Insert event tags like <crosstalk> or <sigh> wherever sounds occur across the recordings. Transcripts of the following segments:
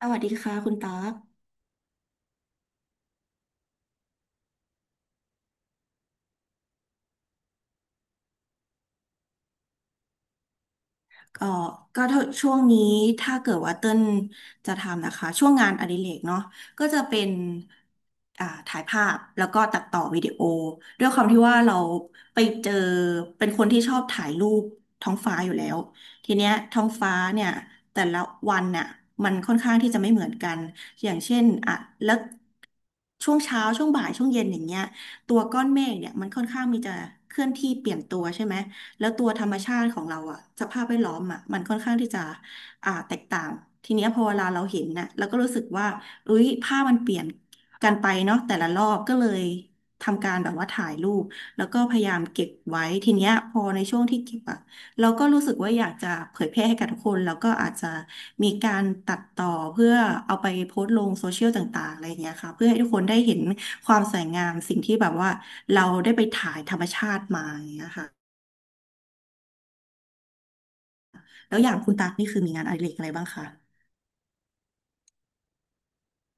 สวัสดีค่ะคุณตั๊กก็ก็ถ้าช่วงนี้ถ้าเกิดว่าเต้นจะทำนะคะช่วงงานอดิเรกเนาะก็จะเป็นถ่ายภาพแล้วก็ตัดต่อวิดีโอด้วยความที่ว่าเราไปเจอเป็นคนที่ชอบถ่ายรูปท้องฟ้าอยู่แล้วทีเนี้ยท้องฟ้าเนี่ยแต่ละวันเนี่ยมันค่อนข้างที่จะไม่เหมือนกันอย่างเช่นอ่ะแล้วช่วงเช้าช่วงบ่ายช่วงเย็นอย่างเงี้ยตัวก้อนเมฆเนี่ยมันค่อนข้างมีจะเคลื่อนที่เปลี่ยนตัวใช่ไหม แล้วตัวธรรมชาติของเราอะสภาพแวดล้อมอะมันค่อนข้างที่จะแตกต่างทีเนี้ยพอเวลาเราเห็นน่ะเราก็รู้สึกว่าเอ้ยภาพมันเปลี่ยนกันไปเนาะแต่ละรอบก็เลยทำการแบบว่าถ่ายรูปแล้วก็พยายามเก็บไว้ทีเนี้ยพอในช่วงที่เก็บอะเราก็รู้สึกว่าอยากจะเผยแพร่ให้กับทุกคนแล้วก็อาจจะมีการตัดต่อเพื่อเอาไปโพสต์ลงโซเชียลต่างๆอะไรอย่างเงี้ยค่ะเพื่อให้ทุกคนได้เห็นความสวยงามสิ่งที่แบบว่าเราได้ไปถ่ายธรรมชาติมาอย่างเงี้ยค่ะ แล้วอย่างคุณตั๊กนี่คือมีงานอดิเรกอะไรบ้างคะ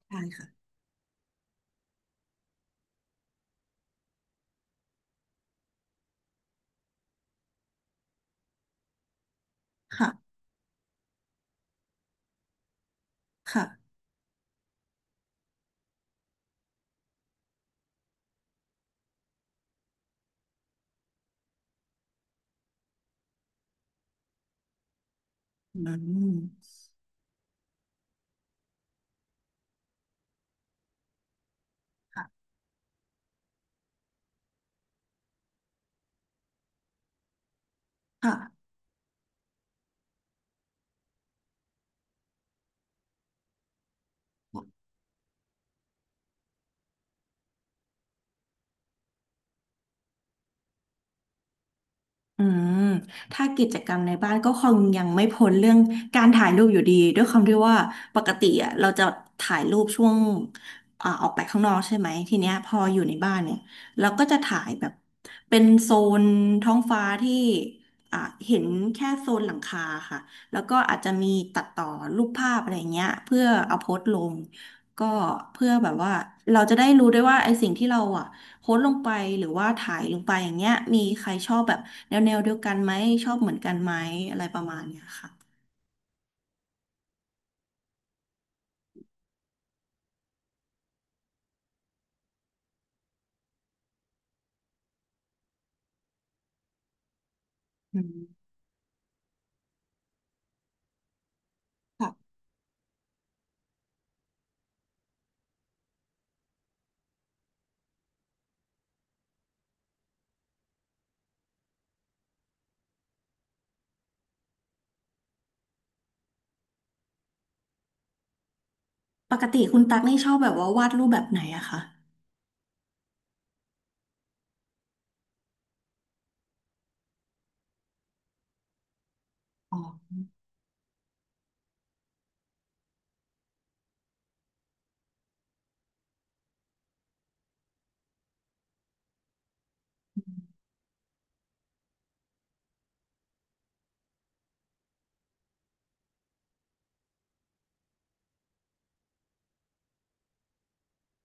ใช่ค่ะค่ะค่ะอืมค่ะค่ะ อืมถ้ากิจกรรมในบ้านก็คงยังไม่พ้นเรื่องการถ่ายรูปอยู่ดีด้วยความที่ว่าปกติอ่ะเราจะถ่ายรูปช่วงออกไปข้างนอกใช่ไหมทีเนี้ยพออยู่ในบ้านเนี่ยเราก็จะถ่ายแบบเป็นโซนท้องฟ้าที่อ่าเห็นแค่โซนหลังคาค่ะแล้วก็อาจจะมีตัดต่อรูปภาพอะไรเงี้ยเพื่อเอาโพสต์ลงก็เพื่อแบบว่าเราจะได้รู้ด้วยว่าไอ้สิ่งที่เราอ่ะ โพสต์ลงไปหรือว่าถ่ายลงไปอย่างเงี้ยมีใครชอบแบบแนวเดียวกันไหมชอบเหมือนกันไหมอะไรประมาณเนี้ยค่ะอืมค่ะปกติคุณตั๊กนี่ชอบแบบว่าวาดรูปแบบไหนอะคะ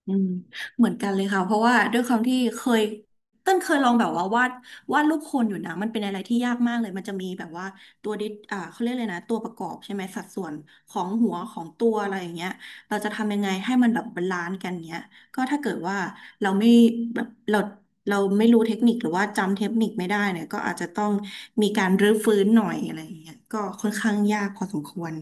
อืมเหมือนกันเลยค่ะเพราะว่าด้วยความที่เคยเต้นเคยลองแบบว่าวาดรูปคนอยู่นะมันเป็นอะไรที่ยากมากเลยมันจะมีแบบว่าตัวดิเขาเรียกเลยนะตัวประกอบใช่ไหมสัดส่วนของหัวของตัวอะไรอย่างเงี้ยเราจะทำยังไงให้มันแบบบาลานซ์กันเงี้ยก็ถ้าเกิดว่าเราไม่แบบเราไม่รู้เทคนิคหรือว่าจำเทคนิคไม่ได้เนี่ยก็อาจจะต้องมีการรื้อฟื้นหน่อยอะไรอย่างเงี้ยก็ค่อนข้างยากพอสมควร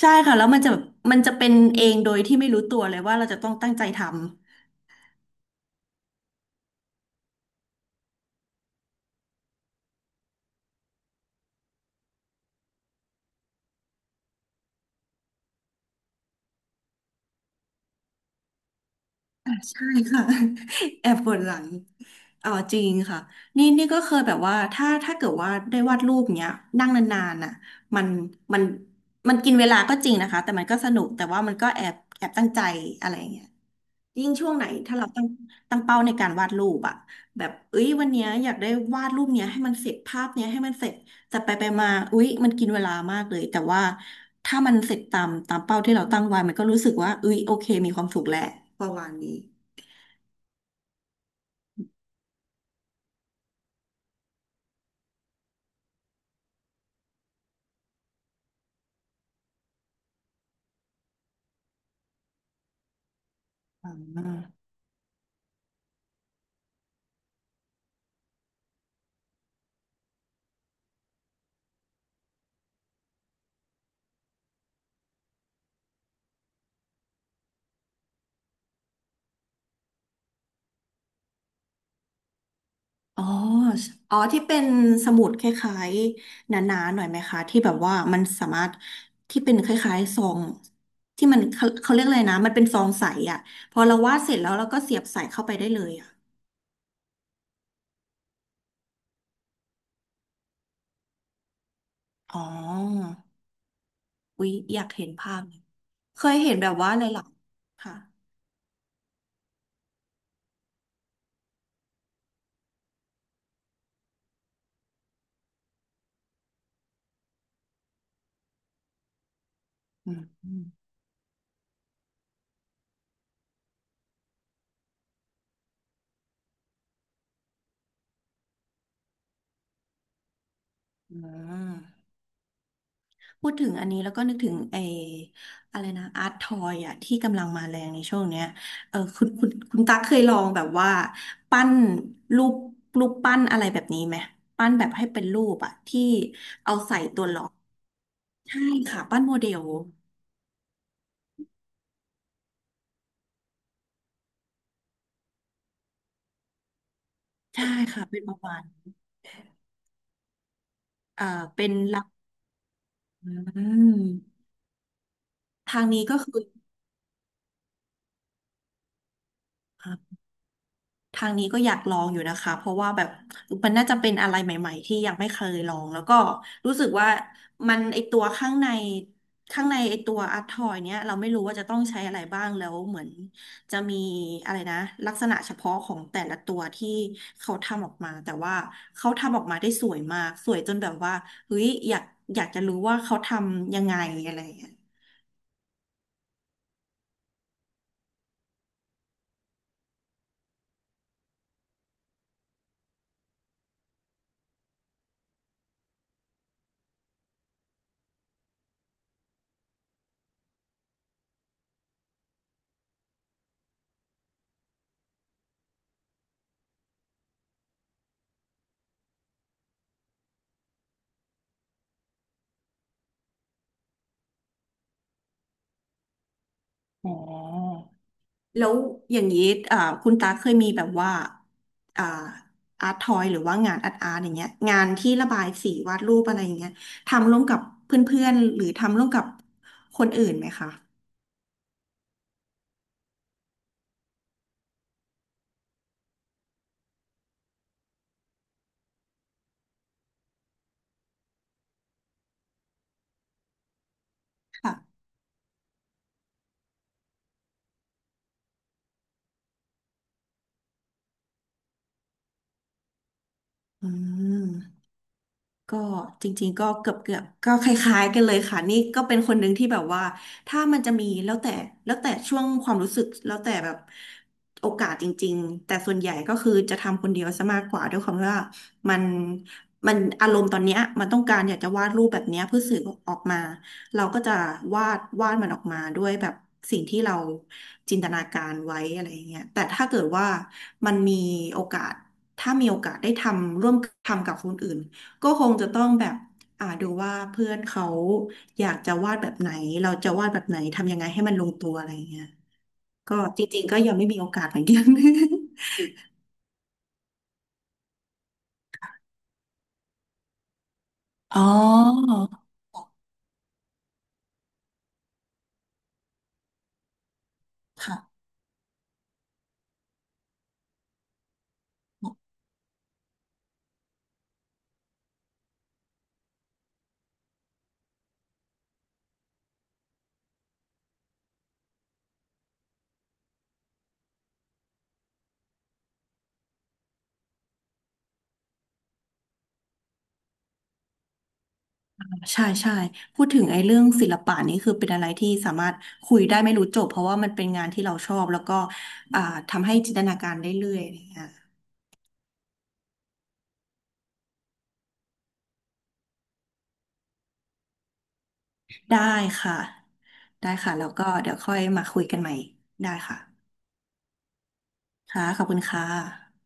ใช่ค่ะแล้วมันจะมันจะเป็นเองโดยที่ไม่รู้ตัวเลยว่าเราจะต้องตั้งใจทำอ่ะใช่ค่ะ <laughs> แอบปวดหลังอ๋อจริงค่ะนี่ก็เคยแบบว่าถ้าเกิดว่าได้วาดรูปเนี้ยนั่งนานๆน่ะมันมันมันกินเวลาก็จริงนะคะแต่มันก็สนุกแต่ว่ามันก็แอบตั้งใจอะไรอย่างเงี้ย ยิ่งช่วงไหนถ้าเราตั้งเป้าในการวาดรูปอะแบบเอ้ยวันเนี้ยอยากได้วาดรูปเนี้ยให้มันเสร็จภาพเนี้ยให้มันเสร็จแต่ไปมาอุ๊ยมันกินเวลามากเลยแต่ว่าถ้ามันเสร็จตามเป้าที่เราตั้งไว้มันก็รู้สึกว่าอุ้ยโอเคมีความสุขแหละประมาณนี้อ่าอ๋ออ๋อที่เป็นสมุดคล้ายๆหนาๆหน่อยไหมคะที่แบบว่ามันสามารถที่เป็นคล้ายๆซองที่มันเขาเรียกอะไรนะมันเป็นซองใสอะพอเราวาดเสร็จแล้วเราก็เสียบใส่เข้าไปได้เลยอะ อ๋ออุ๊ยอยากเห็นภาพเลยเคยเห็นแบบว่าเลยเหรอค่ะอืมอืมพูดถึงอันนี้แล้วก็นึกถึงไอ้อะไรนะอาร์ตทอยอะที่กำลังมาแรงในช่วงเนี้ยเออคุณตั๊กเคยลองแบบว่าปั้นรูปปั้นอะไรแบบนี้ไหม ปั้นแบบให้เป็นรูปอะที่เอาใส่ตัวหล็อกใช่ค่ะปั้นโมเดล ใช่ค่ะเป็นประมาณเอ่อเป็นหลักอืมทางนี้ก็คืออ่า ทางนี้ก็อยากลองอยู่นะคะเพราะว่าแบบมันน่าจะเป็นอะไรใหม่ๆที่ยังไม่เคยลองแล้วก็รู้สึกว่ามันไอตัวข้างในไอตัวอัดทอยเนี้ยเราไม่รู้ว่าจะต้องใช้อะไรบ้างแล้วเหมือนจะมีอะไรนะลักษณะเฉพาะของแต่ละตัวที่เขาทำออกมาแต่ว่าเขาทำออกมาได้สวยมากสวยจนแบบว่าเฮ้ยอยากจะรู้ว่าเขาทำยังไงอะไรอย่างเงี้ยอ๋อ แล้วอย่างนี้อ่าคุณตาเคยมีแบบว่าอ่าอาร์ตทอยหรือว่างานอาร์ตอย่างเงี้ยงานที่ระบายสีวาดรูปอะไรอย่างเงี้ยทำร่วมกับเพื่อนๆหรือทำร่วมกับคนอื่นไหมคะค่ะอืม ก็จริงๆก็เกือบก็คล้ายๆกันเลยค่ะนี่ก็เป็นคนหนึ่งที่แบบว่าถ้ามันจะมีแล้วแต่แล้วแต่ช่วงความรู้สึกแล้วแต่แบบโอกาสจริงๆแต่ส่วนใหญ่ก็คือจะทำคนเดียวซะมากกว่าด้วยความที่ว่ามันมันอารมณ์ตอนเนี้ยมันต้องการอยากจะวาดรูปแบบเนี้ยเพื่อสื่อออกมาเราก็จะวาดมันออกมาด้วยแบบสิ่งที่เราจินตนาการไว้อะไรอย่างเงี้ยแต่ถ้าเกิดว่ามันมีโอกาสถ้ามีโอกาสได้ทำร่วมทำกับคนอื่น ก็คงจะต้องแบบดูว่าเพื่อนเขาอยากจะวาดแบบไหนเราจะวาดแบบไหนทำยังไงให้มันลงตัวอะไรเงี้ยก็จริงๆก็ยังไม่มีโอกาสเหมือนกัน <laughs> อ๋อค่ะใช่ใช่พูดถึงไอ้เรื่องศิลปะนี่คือเป็นอะไรที่สามารถคุยได้ไม่รู้จบเพราะว่ามันเป็นงานที่เราชอบแล้วก็อ่าทำให้จินตนาการได้เรื่อยอะไรเงี้ยได้ค่ะได้ค่ะแล้วก็เดี๋ยวค่อยมาคุยกันใหม่ได้ค่ะค่ะขอบคุณค่ะ